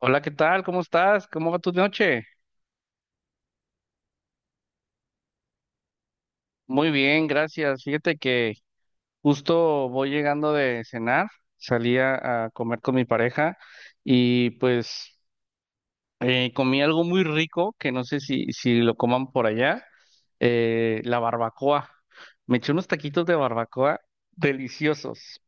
Hola, ¿qué tal? ¿Cómo estás? ¿Cómo va tu noche? Muy bien, gracias. Fíjate que justo voy llegando de cenar, salí a comer con mi pareja y pues comí algo muy rico que no sé si lo coman por allá, la barbacoa. Me eché unos taquitos de barbacoa deliciosos.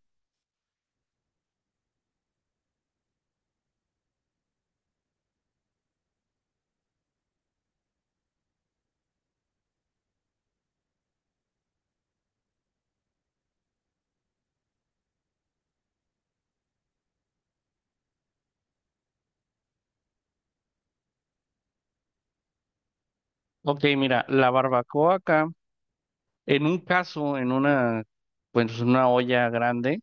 Ok, mira, la barbacoa acá, en un caso, pues una olla grande.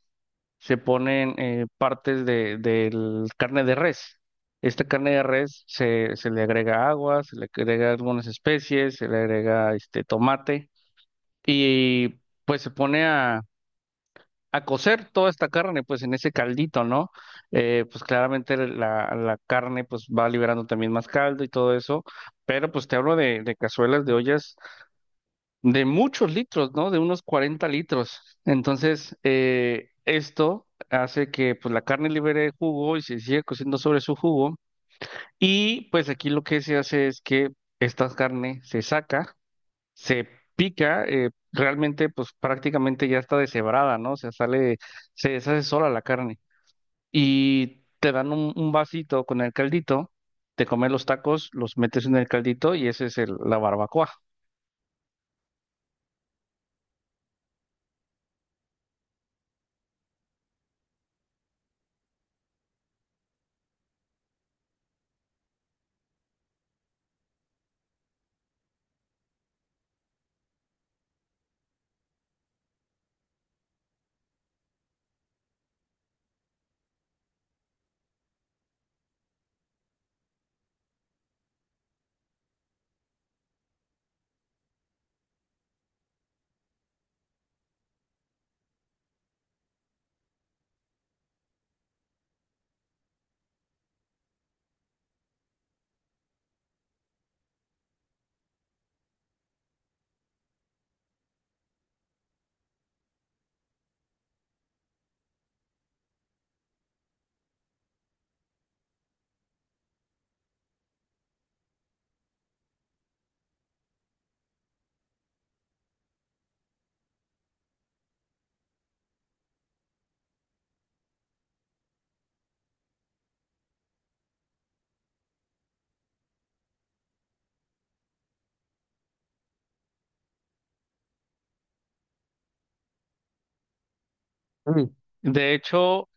Se ponen partes del carne de res. Esta carne de res se le agrega agua, se le agrega algunas especies, se le agrega este tomate y pues se pone a cocer toda esta carne pues en ese caldito, ¿no? Pues claramente la carne pues va liberando también más caldo y todo eso, pero pues te hablo de cazuelas, de ollas de muchos litros, ¿no? De unos 40 litros. Entonces, esto hace que pues, la carne libere jugo y se sigue cociendo sobre su jugo. Y pues aquí lo que se hace es que esta carne se saca, se pica, realmente pues prácticamente ya está deshebrada, ¿no? O sea, sale, se deshace sola la carne. Y te dan un vasito con el caldito, te comes los tacos, los metes en el caldito y ese es la barbacoa. Mm. De hecho,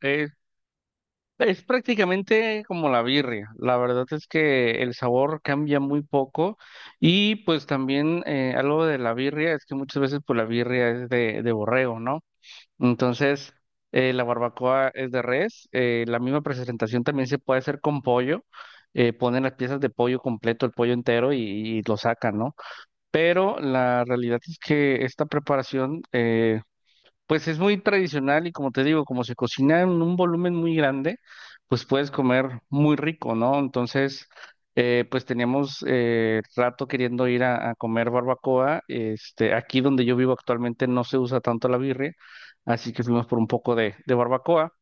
es prácticamente como la birria. La verdad es que el sabor cambia muy poco y pues también algo de la birria es que muchas veces pues la birria es de borrego, ¿no? Entonces la barbacoa es de res. La misma presentación también se puede hacer con pollo. Ponen las piezas de pollo completo, el pollo entero y lo sacan, ¿no? Pero la realidad es que esta preparación... pues es muy tradicional y como te digo, como se cocina en un volumen muy grande, pues puedes comer muy rico, ¿no? Entonces, pues teníamos rato queriendo ir a comer barbacoa. Este, aquí donde yo vivo actualmente no se usa tanto la birria, así que fuimos por un poco de barbacoa.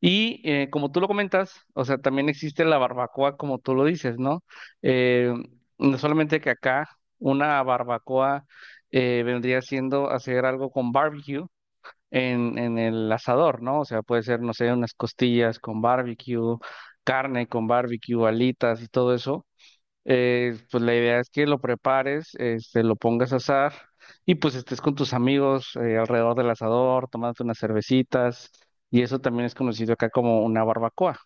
Y como tú lo comentas, o sea, también existe la barbacoa como tú lo dices, ¿no? Eh, no solamente que acá una barbacoa vendría siendo hacer algo con barbecue, en el asador, ¿no? O sea, puede ser, no sé, unas costillas con barbecue, carne con barbecue, alitas y todo eso. Pues la idea es que lo prepares, este, lo pongas a asar y pues estés con tus amigos alrededor del asador, tomándote unas cervecitas. Y eso también es conocido acá como una barbacoa.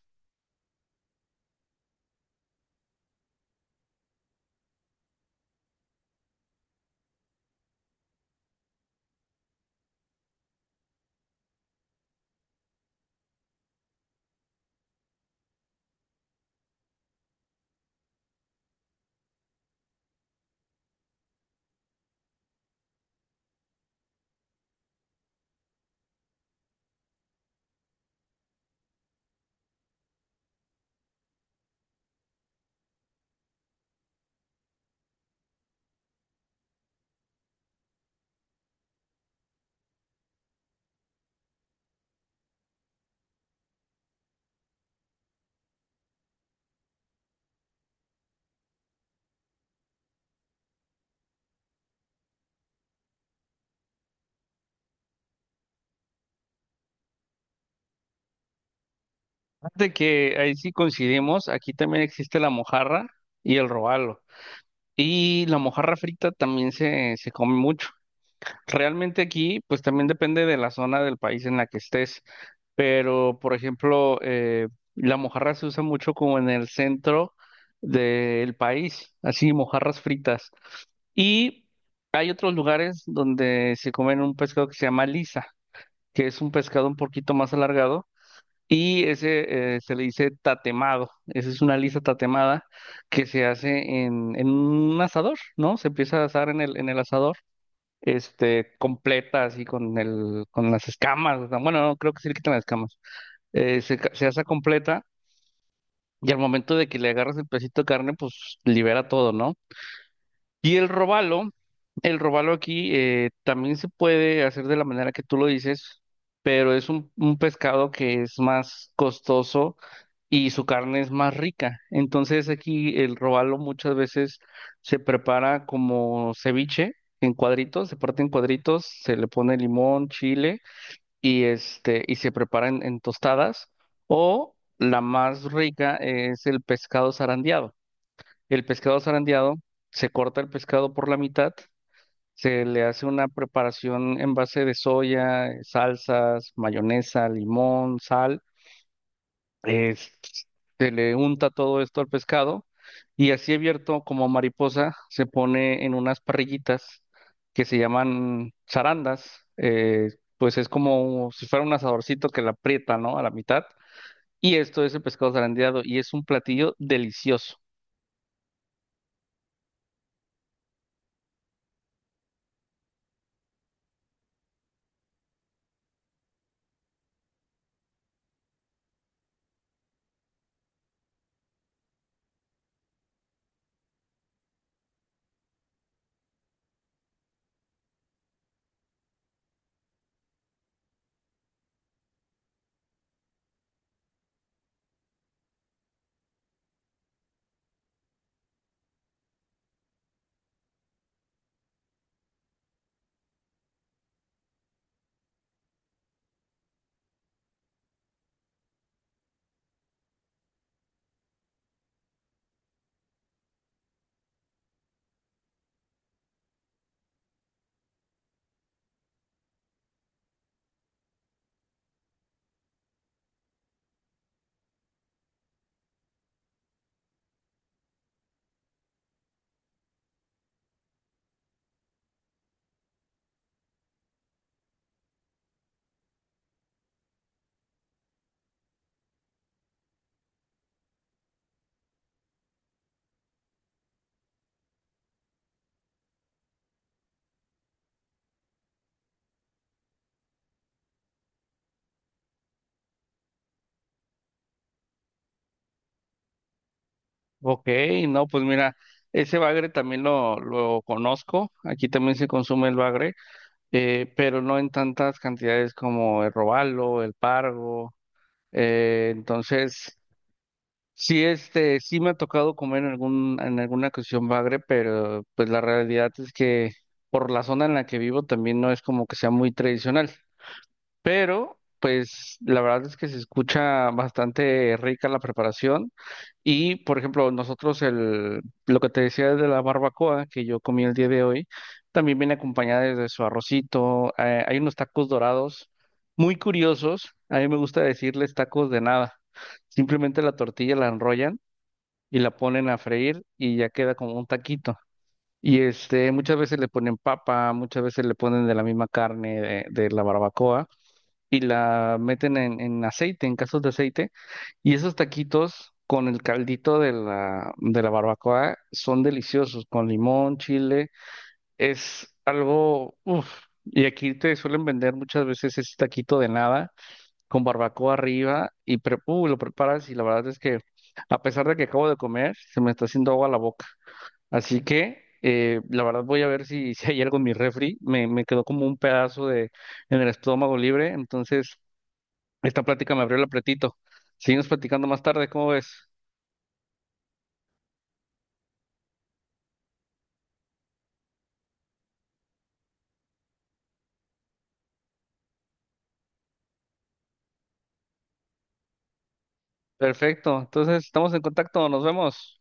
Fíjate que ahí sí coincidimos, aquí también existe la mojarra y el robalo. Y la mojarra frita también se come mucho. Realmente aquí, pues también depende de la zona del país en la que estés, pero por ejemplo, la mojarra se usa mucho como en el centro del país, así mojarras fritas. Y hay otros lugares donde se comen un pescado que se llama lisa, que es un pescado un poquito más alargado y ese se le dice tatemado. Esa es una lisa tatemada que se hace en un asador, ¿no? Se empieza a asar en el asador este, completa, así con el, con las escamas. O sea, bueno, no, creo que sí le quitan las escamas. Se asa completa y al momento de que le agarras el pedacito de carne, pues libera todo, ¿no? Y el robalo aquí también se puede hacer de la manera que tú lo dices, pero es un pescado que es más costoso y su carne es más rica. Entonces aquí el robalo muchas veces se prepara como ceviche en cuadritos, se parte en cuadritos, se le pone limón, chile y este y se prepara en tostadas o la más rica es el pescado zarandeado. El pescado zarandeado se corta el pescado por la mitad, se le hace una preparación en base de soya, salsas, mayonesa, limón, sal, eh, se le unta todo esto al pescado y así abierto como mariposa se pone en unas parrillitas que se llaman zarandas, pues es como si fuera un asadorcito que la aprieta, ¿no? A la mitad. Y esto es el pescado zarandeado y es un platillo delicioso. Ok, no, pues mira, ese bagre también lo conozco, aquí también se consume el bagre, pero no en tantas cantidades como el robalo, el pargo. Entonces, sí, este, sí me ha tocado comer en algún, en alguna ocasión bagre, pero pues la realidad es que por la zona en la que vivo también no es como que sea muy tradicional. Pero, pues, la verdad es que se escucha bastante rica la preparación. Y, por ejemplo, nosotros lo que te decía de la barbacoa que yo comí el día de hoy, también viene acompañada de su arrocito. Hay unos tacos dorados muy curiosos. A mí me gusta decirles tacos de nada. Simplemente la tortilla la enrollan y la ponen a freír y ya queda como un taquito. Y este, muchas veces le ponen papa, muchas veces le ponen de la misma carne de la barbacoa y la meten en aceite, en casos de aceite. Y esos taquitos con el caldito de de la barbacoa son deliciosos, con limón, chile, es algo, uff. Y aquí te suelen vender muchas veces ese taquito de nada con barbacoa arriba y lo preparas y la verdad es que a pesar de que acabo de comer, se me está haciendo agua la boca. Así que la verdad voy a ver si, si hay algo en mi refri. Me quedó como un pedazo de en el estómago libre. Entonces, esta plática me abrió el apretito. Seguimos platicando más tarde, ¿cómo ves? Perfecto. Entonces, estamos en contacto. Nos vemos.